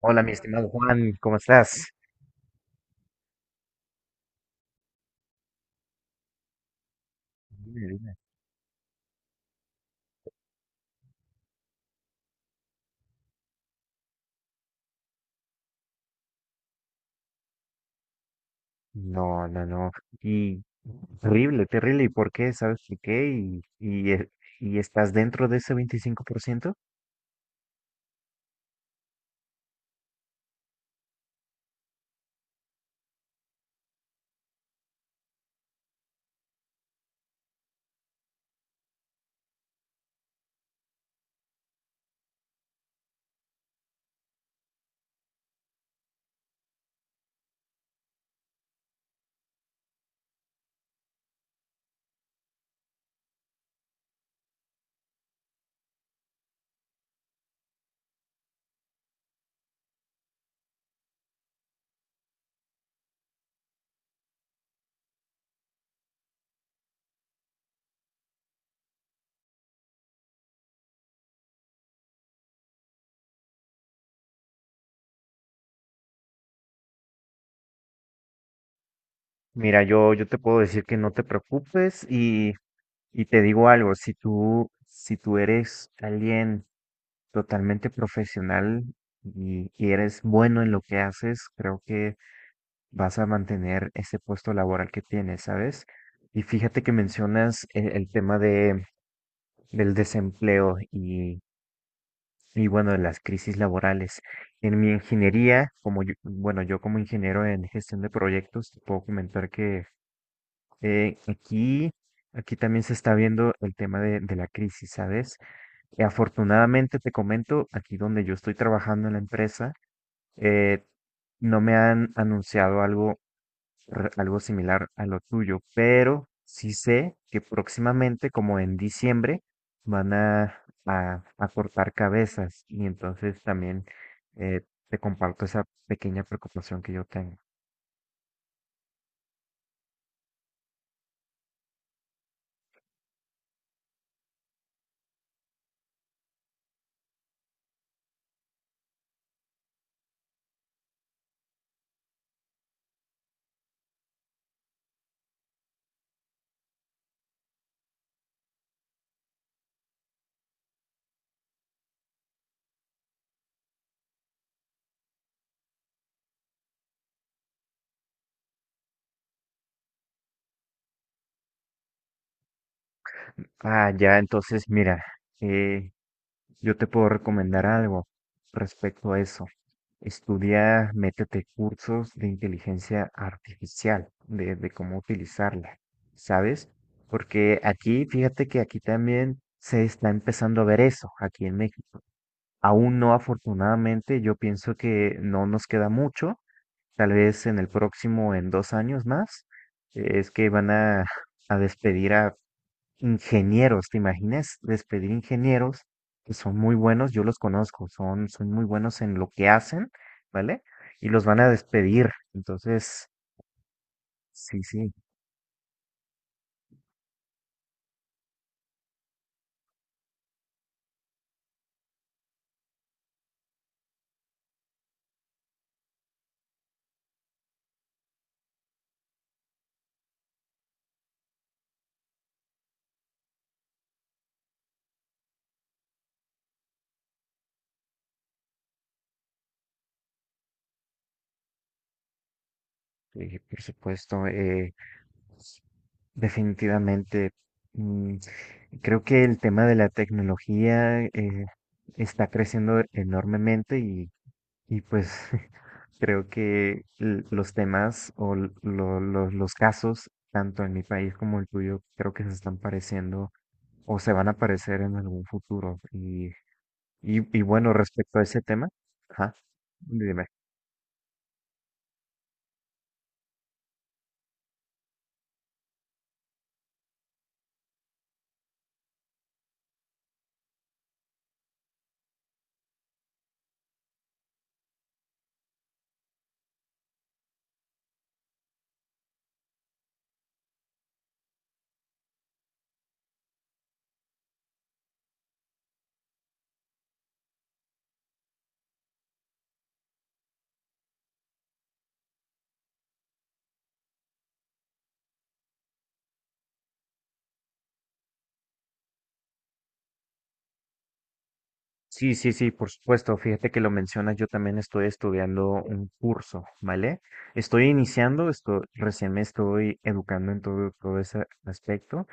Hola, mi estimado Juan, ¿cómo estás? Dime, dime. No, no, no. Y terrible, terrible. ¿Y por qué? ¿Sabes por qué? ¿ Y estás dentro de ese 25%. Mira, yo te puedo decir que no te preocupes y te digo algo, si tú eres alguien totalmente profesional y eres bueno en lo que haces, creo que vas a mantener ese puesto laboral que tienes, ¿sabes? Y fíjate que mencionas el tema de del desempleo y bueno, de las crisis laborales. En mi ingeniería, yo como ingeniero en gestión de proyectos, te puedo comentar que eh, aquí, aquí también se está viendo el tema de la crisis, ¿sabes? Y afortunadamente te comento, aquí donde yo estoy trabajando en la empresa, eh, no me han anunciado algo similar a lo tuyo, pero sí sé que próximamente, como en diciembre, van a cortar cabezas y entonces también eh, te comparto esa pequeña preocupación que yo tengo. Ah, ya, entonces mira, eh, yo te puedo recomendar algo respecto a eso. Estudia, métete cursos de inteligencia artificial, de cómo utilizarla, ¿sabes? Porque aquí, fíjate que aquí también se está empezando a ver eso, aquí en México. Aún no, afortunadamente, yo pienso que no nos queda mucho, tal vez en el próximo, en dos años más, es que van a despedir a ingenieros. ¿Te imaginas despedir ingenieros que son muy buenos? Yo los conozco, son muy buenos en lo que hacen, ¿vale? Y los van a despedir. Entonces, sí, sí, por supuesto, pues, definitivamente. mm, Creo que el tema de la tecnología está creciendo enormemente y pues creo que los temas o los casos, tanto en mi país como el tuyo, creo que se están pareciendo o se van a parecer en algún futuro. Y bueno, respecto a ese tema, ajá, dime. Sí, sí, sí, por supuesto. Fíjate que lo mencionas, yo también estoy estudiando un curso, ¿vale? Estoy iniciando, esto, recién me estoy educando en todo, todo ese aspecto.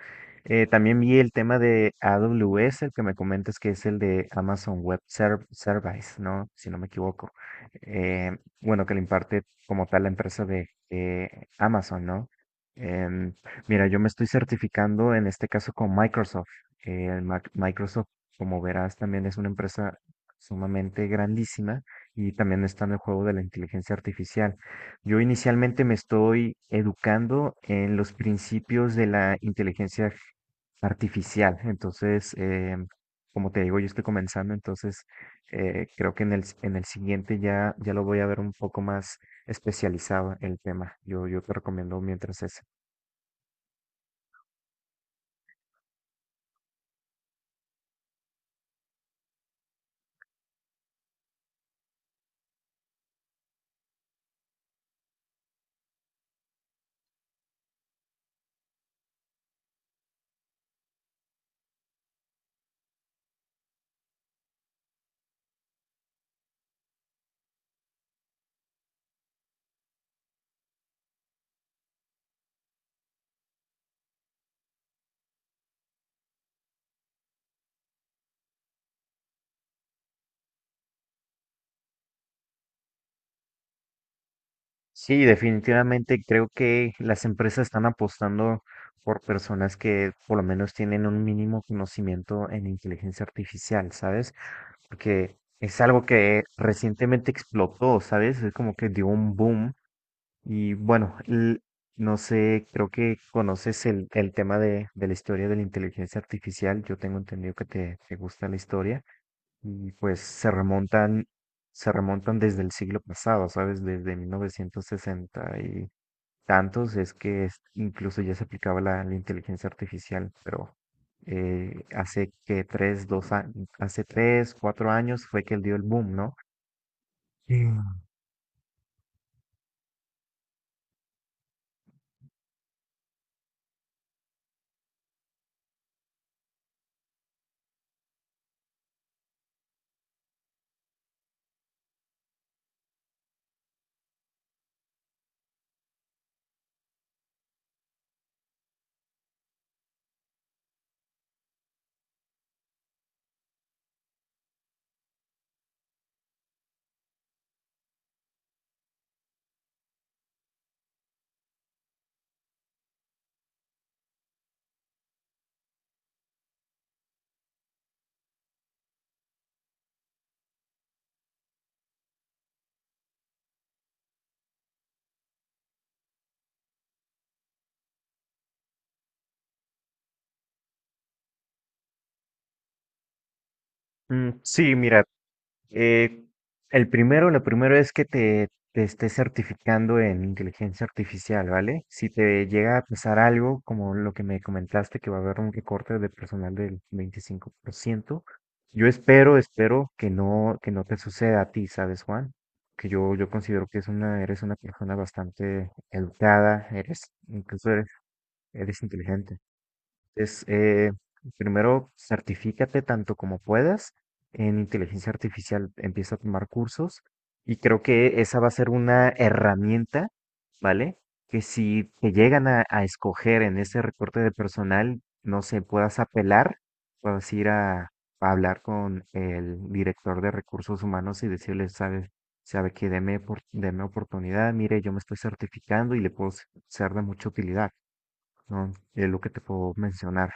También vi el tema de AWS, el que me comentas que es el de Amazon Web Service, ¿no? Si no me equivoco. Eh, bueno, que lo imparte como tal la empresa de Amazon, ¿no? Em, Mira, yo me estoy certificando en este caso con Microsoft. El Microsoft, como verás, también es una empresa sumamente grandísima y también está en el juego de la inteligencia artificial. Yo inicialmente me estoy educando en los principios de la artificial. Entonces, como te digo, yo estoy comenzando, entonces creo que en en el siguiente ya, ya lo voy a ver un poco más especializado el tema. Yo te recomiendo mientras es. Sí, definitivamente creo que las empresas están apostando por personas que por lo menos tienen un mínimo conocimiento en inteligencia artificial, ¿sabes? Porque es algo que recientemente explotó, ¿sabes? Es como que dio un boom y bueno, no sé, creo que conoces el tema de la historia de la inteligencia artificial. Yo tengo entendido que te gusta la historia y pues se remontan desde el siglo pasado, ¿sabes? Desde 1960 y tantos es que incluso ya se aplicaba la inteligencia artificial, pero hace que dos años, hace tres, cuatro años fue que él dio el boom, ¿no? Sí, mira, eh, el primero, lo primero es que te estés certificando en inteligencia artificial, ¿vale? Si te llega a pasar algo, como lo que me comentaste, que va a haber un recorte de personal del 25%, yo espero, espero que no te suceda a ti, ¿sabes, Juan? Que yo considero que es una, eres una persona bastante educada, eres, incluso eres, eres inteligente es primero, certifícate tanto como puedas en inteligencia artificial, empieza a tomar cursos y creo que esa va a ser una herramienta, ¿vale? Que si te llegan a escoger en ese recorte de personal, no sé, puedas apelar, puedas ir a hablar con el director de recursos humanos y decirle, sabes, sabe que deme, deme oportunidad, mire, yo me estoy certificando y le puedo ser de mucha utilidad, ¿no? Es lo que te puedo mencionar.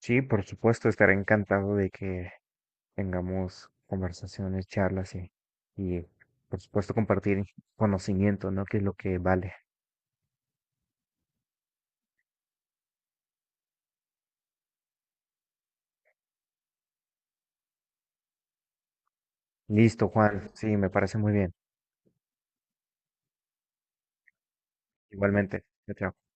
Sí, por supuesto, estaré encantado de que tengamos conversaciones, charlas y por supuesto compartir conocimiento, ¿no? Que es lo que vale. Listo, Juan. Sí, me parece muy bien. Igualmente. Chao. Chao.